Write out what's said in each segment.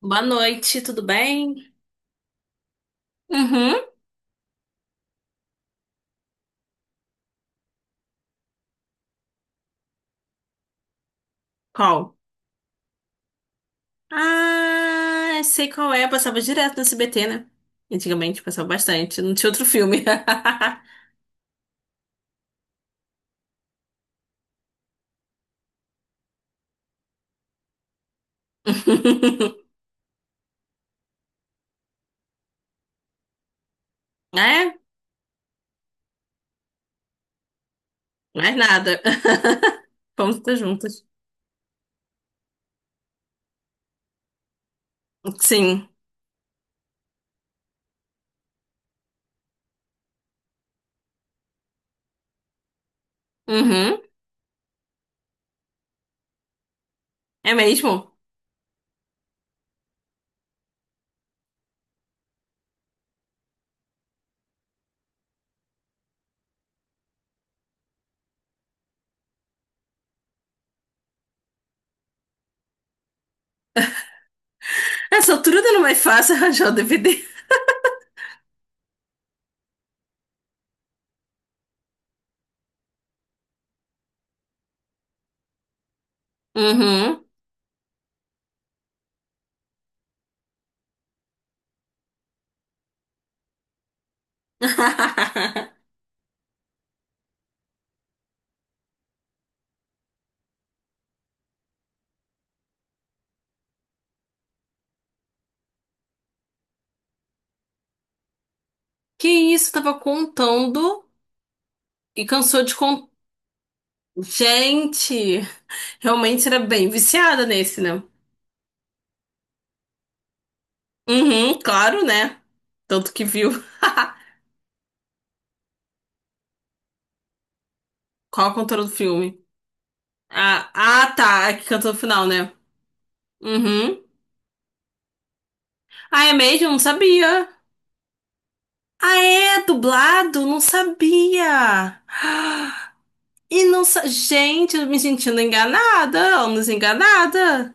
Boa noite, tudo bem? Uhum. Qual? Ah, eu sei qual é. Passava direto no SBT, né? Antigamente passava bastante. Não tinha outro filme. É? Mais nada. Vamos estar juntas. Sim. Uhum. É mesmo? Essa altura não é mais fácil arranjar o DVD. Uhum. Que isso? Tava contando e cansou de contar. Gente, realmente era bem viciada nesse, né? Uhum, claro, né? Tanto que viu. Qual a cantora do filme? Ah, ah, tá. É que cantou no final, né? Uhum. Ah, é mesmo? Não sabia. Ah, é? Dublado? Não sabia. E não sa... Gente, eu me sentindo enganada, ou desenganada.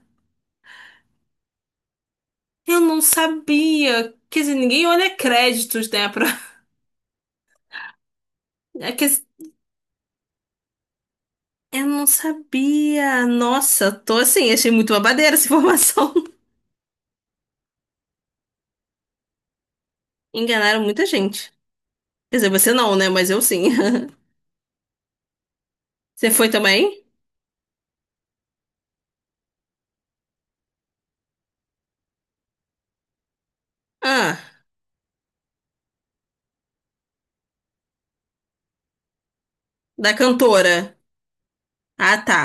Eu não sabia. Quer dizer, ninguém olha créditos, né? É que... assim, Eu não sabia. Nossa, tô assim, achei muito babadeira essa informação. Enganaram muita gente. Quer dizer, você não, né? Mas eu sim. Você foi também? Ah, da cantora. Ah, tá.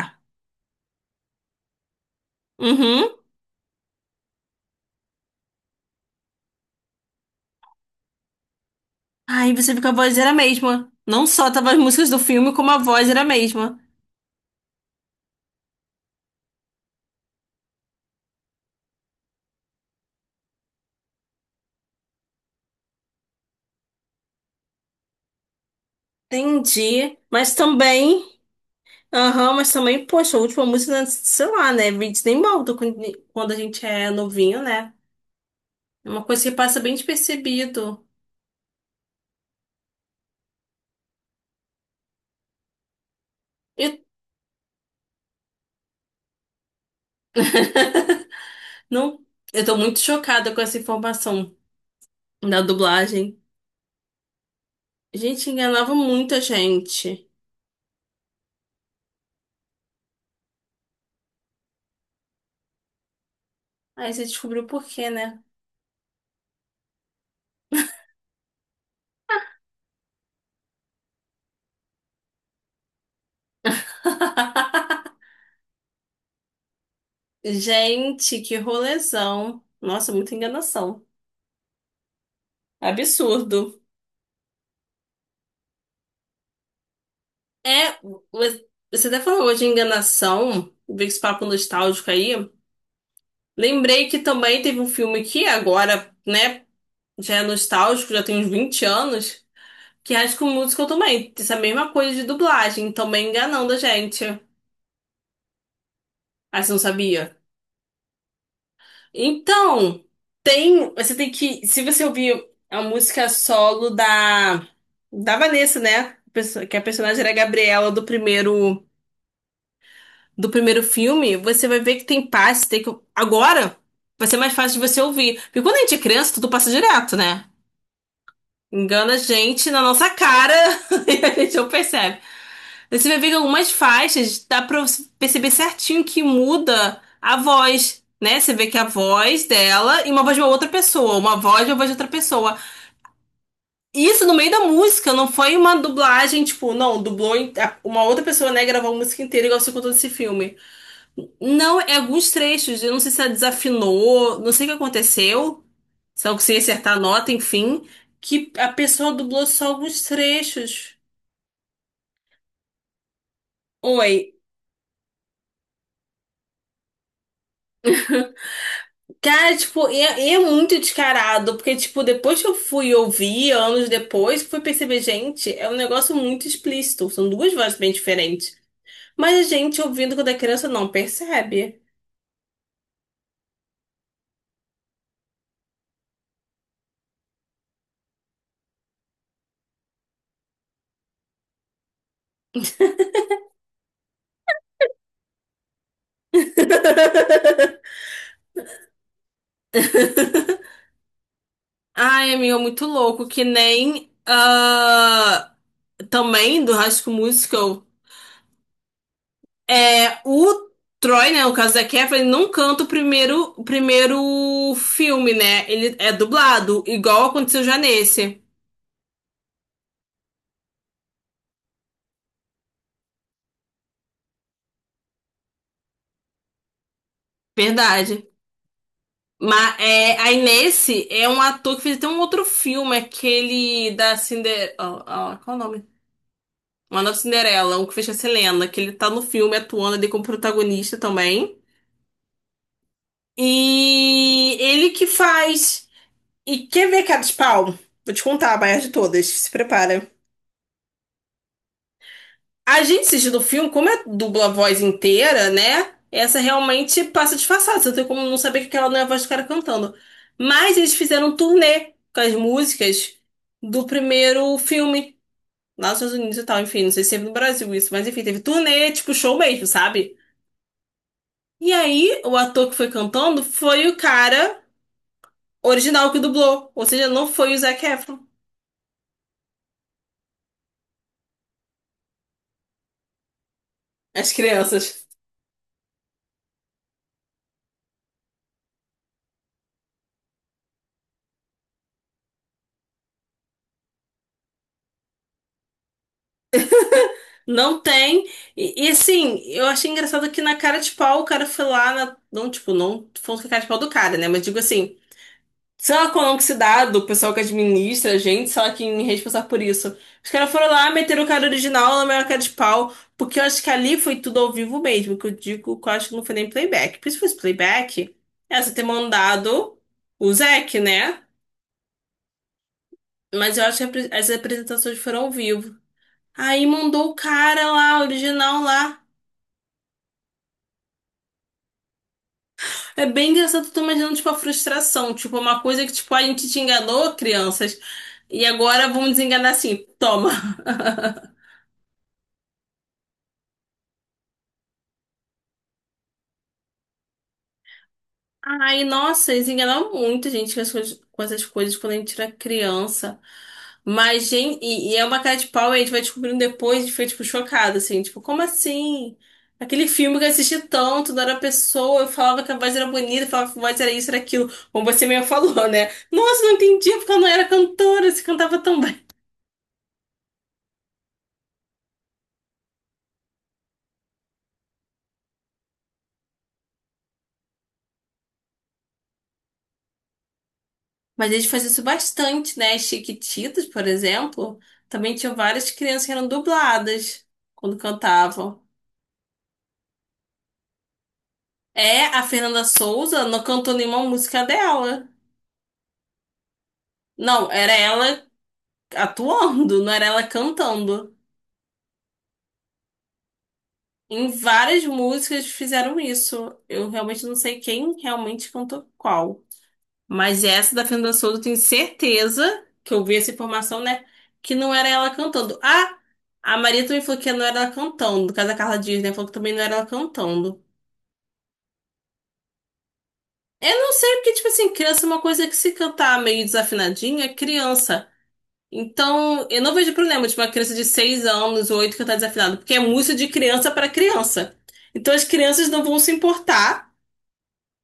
Uhum. Aí você viu que a voz era a mesma. Não só tava as músicas do filme, como a voz era a mesma. Entendi. Mas também. Aham, mas também, poxa, a última música, sei lá, né? Disney Mountain, quando a gente é novinho, né? É uma coisa que passa bem despercebido. E- Não, eu tô muito chocada com essa informação da dublagem. Gente, enganava muita gente. Aí você descobriu por quê, né? Gente, que rolezão. Nossa, muita enganação. Absurdo. É, você até falou hoje de enganação, veio esse papo nostálgico aí. Lembrei que também teve um filme que agora, né, já é nostálgico, já tem uns 20 anos, que é High School Musical também. Essa mesma coisa de dublagem, também enganando a gente. Ah, você não sabia? Então, tem, você tem que, se você ouvir a música solo da Vanessa, né? Que a personagem era a Gabriela do primeiro filme, você vai ver que tem passe, tem que agora vai ser mais fácil de você ouvir. Porque quando a gente é criança, tudo passa direto, né? Engana a gente na nossa cara e a gente não percebe. Você vai ver que algumas faixas dá pra você perceber certinho que muda a voz, né? Você vê que a voz dela e uma voz de uma outra pessoa, uma voz e uma voz de outra pessoa. Isso no meio da música, não foi uma dublagem, tipo, não, dublou uma outra pessoa, né, gravou a música inteira igual você contou desse filme. Não, é alguns trechos, eu não sei se ela desafinou, não sei o que aconteceu, se ela conseguiu acertar a nota, enfim, que a pessoa dublou só alguns trechos. Oi, cara, tipo, é muito descarado, porque, tipo, depois que eu fui ouvir, anos depois, fui perceber, gente, é um negócio muito explícito, são duas vozes bem diferentes. Mas a gente, ouvindo quando é criança, não percebe. Ai, amigo, é muito louco, que nem, ah, também do High School Musical, é, o Troy, né, no caso da Kevin, ele não canta o primeiro filme, né, ele é dublado, igual aconteceu já nesse. Verdade. Mas é, aí nesse é um ator que fez até um outro filme, aquele da Cinderela, qual é o nome? Uma Nova Cinderela, o que fez com a Selena, que ele tá no filme atuando ali como protagonista também. E ele que faz. E quer ver cara de pau? Vou te contar a maior de todas. Se prepara. A gente assistindo o filme, como é dubla a voz inteira, né? Essa realmente passa disfarçada. Você não tem como não saber que aquela não é a voz do cara cantando. Mas eles fizeram um turnê com as músicas do primeiro filme, lá nos Estados Unidos e tal. Enfim, não sei se teve no Brasil isso, mas enfim, teve turnê, tipo show mesmo, sabe? E aí, o ator que foi cantando foi o cara original que dublou. Ou seja, não foi o Zac Efron. As crianças. Não tem. Assim, eu achei engraçado que na cara de pau o cara foi lá na. Não, tipo, não falando que a cara de pau do cara, né? Mas digo assim, sei lá qual é o nome que se dá do pessoal que administra a gente, sei lá quem é responsável por isso. Os caras foram lá, meteram o cara original na maior cara de pau, porque eu acho que ali foi tudo ao vivo mesmo, que eu digo que eu acho que não foi nem playback. Por isso que fosse playback, essa ter mandado o Zac, né? Mas eu acho que as apresentações foram ao vivo. Aí mandou o cara lá, original lá. É bem engraçado, eu tô imaginando, tipo, a frustração. Tipo, uma coisa que, tipo, a gente te enganou, crianças, e agora vamos desenganar assim, toma. Ai, nossa, eles enganavam muito gente com essas coisas, quando a gente era criança. Mas, gente, e é uma cara de pau, e a gente vai descobrindo depois, e foi, tipo, chocado, assim, tipo, como assim? Aquele filme que eu assisti tanto, não era a pessoa, eu falava que a voz era bonita, eu falava que a voz era isso, era aquilo. Como você mesmo falou, né? Nossa, não entendia porque ela não era cantora, se cantava tão bem. Mas eles faziam isso bastante, né? Chiquititas, por exemplo, também tinham várias crianças que eram dubladas quando cantavam. É, a Fernanda Souza não cantou nenhuma música dela. Não, era ela atuando, não era ela cantando. Em várias músicas fizeram isso. Eu realmente não sei quem realmente cantou qual. Mas essa da Fernanda Souza, eu tenho certeza que eu vi essa informação, né? Que não era ela cantando. Ah, a Maria também falou que não era ela cantando. No caso da Carla Dias, né? Falou que também não era ela cantando. Eu não sei, porque, tipo assim, criança é uma coisa que se cantar meio desafinadinha, é criança. Então, eu não vejo problema de uma criança de 6 anos ou 8 cantar desafinado, porque é música de criança para criança. Então, as crianças não vão se importar,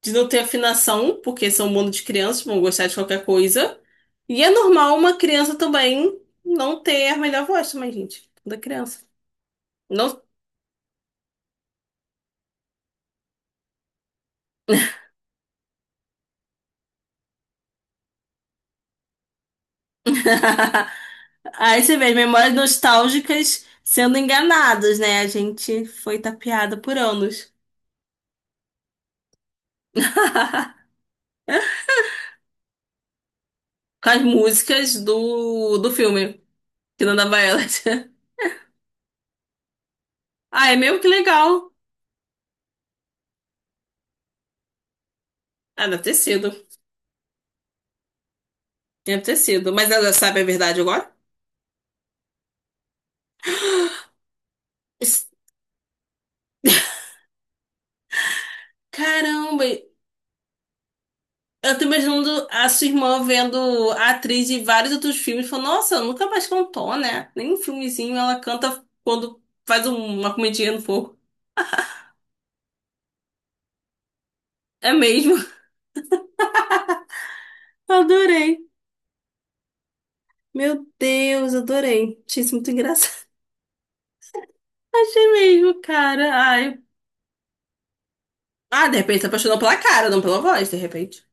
de não ter afinação, porque são um mundo de crianças, vão gostar de qualquer coisa. E é normal uma criança também não ter a melhor voz também, gente. Da criança. Não... Aí você vê as memórias nostálgicas sendo enganadas, né? A gente foi tapeada por anos. Com as músicas do filme, que não dava elas. Ah, é mesmo, que legal. Ah, deve ter sido. Deve ter sido. Mas ela sabe a verdade agora? Es- Caramba! Eu tô imaginando a sua irmã vendo a atriz de vários outros filmes, falando, nossa, ela nunca mais cantou, né? Nem um filmezinho ela canta quando faz uma comidinha no fogo. É mesmo. Adorei. Meu Deus, adorei. Achei isso muito engraçado. Achei mesmo, cara. Ai. Ah, de repente se apaixonou pela cara, não pela voz, de repente.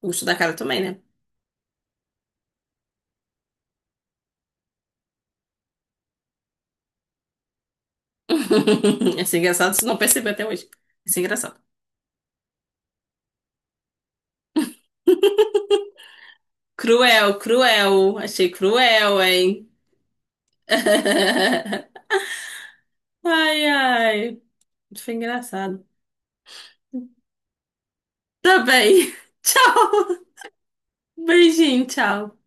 O gosto da cara também, né? Ia engraçado se não perceber até hoje. Ia ser engraçado. Cruel, cruel. Achei cruel, hein? Ai, ai. Isso foi engraçado. Tá bem. Tchau. Beijinho, tchau.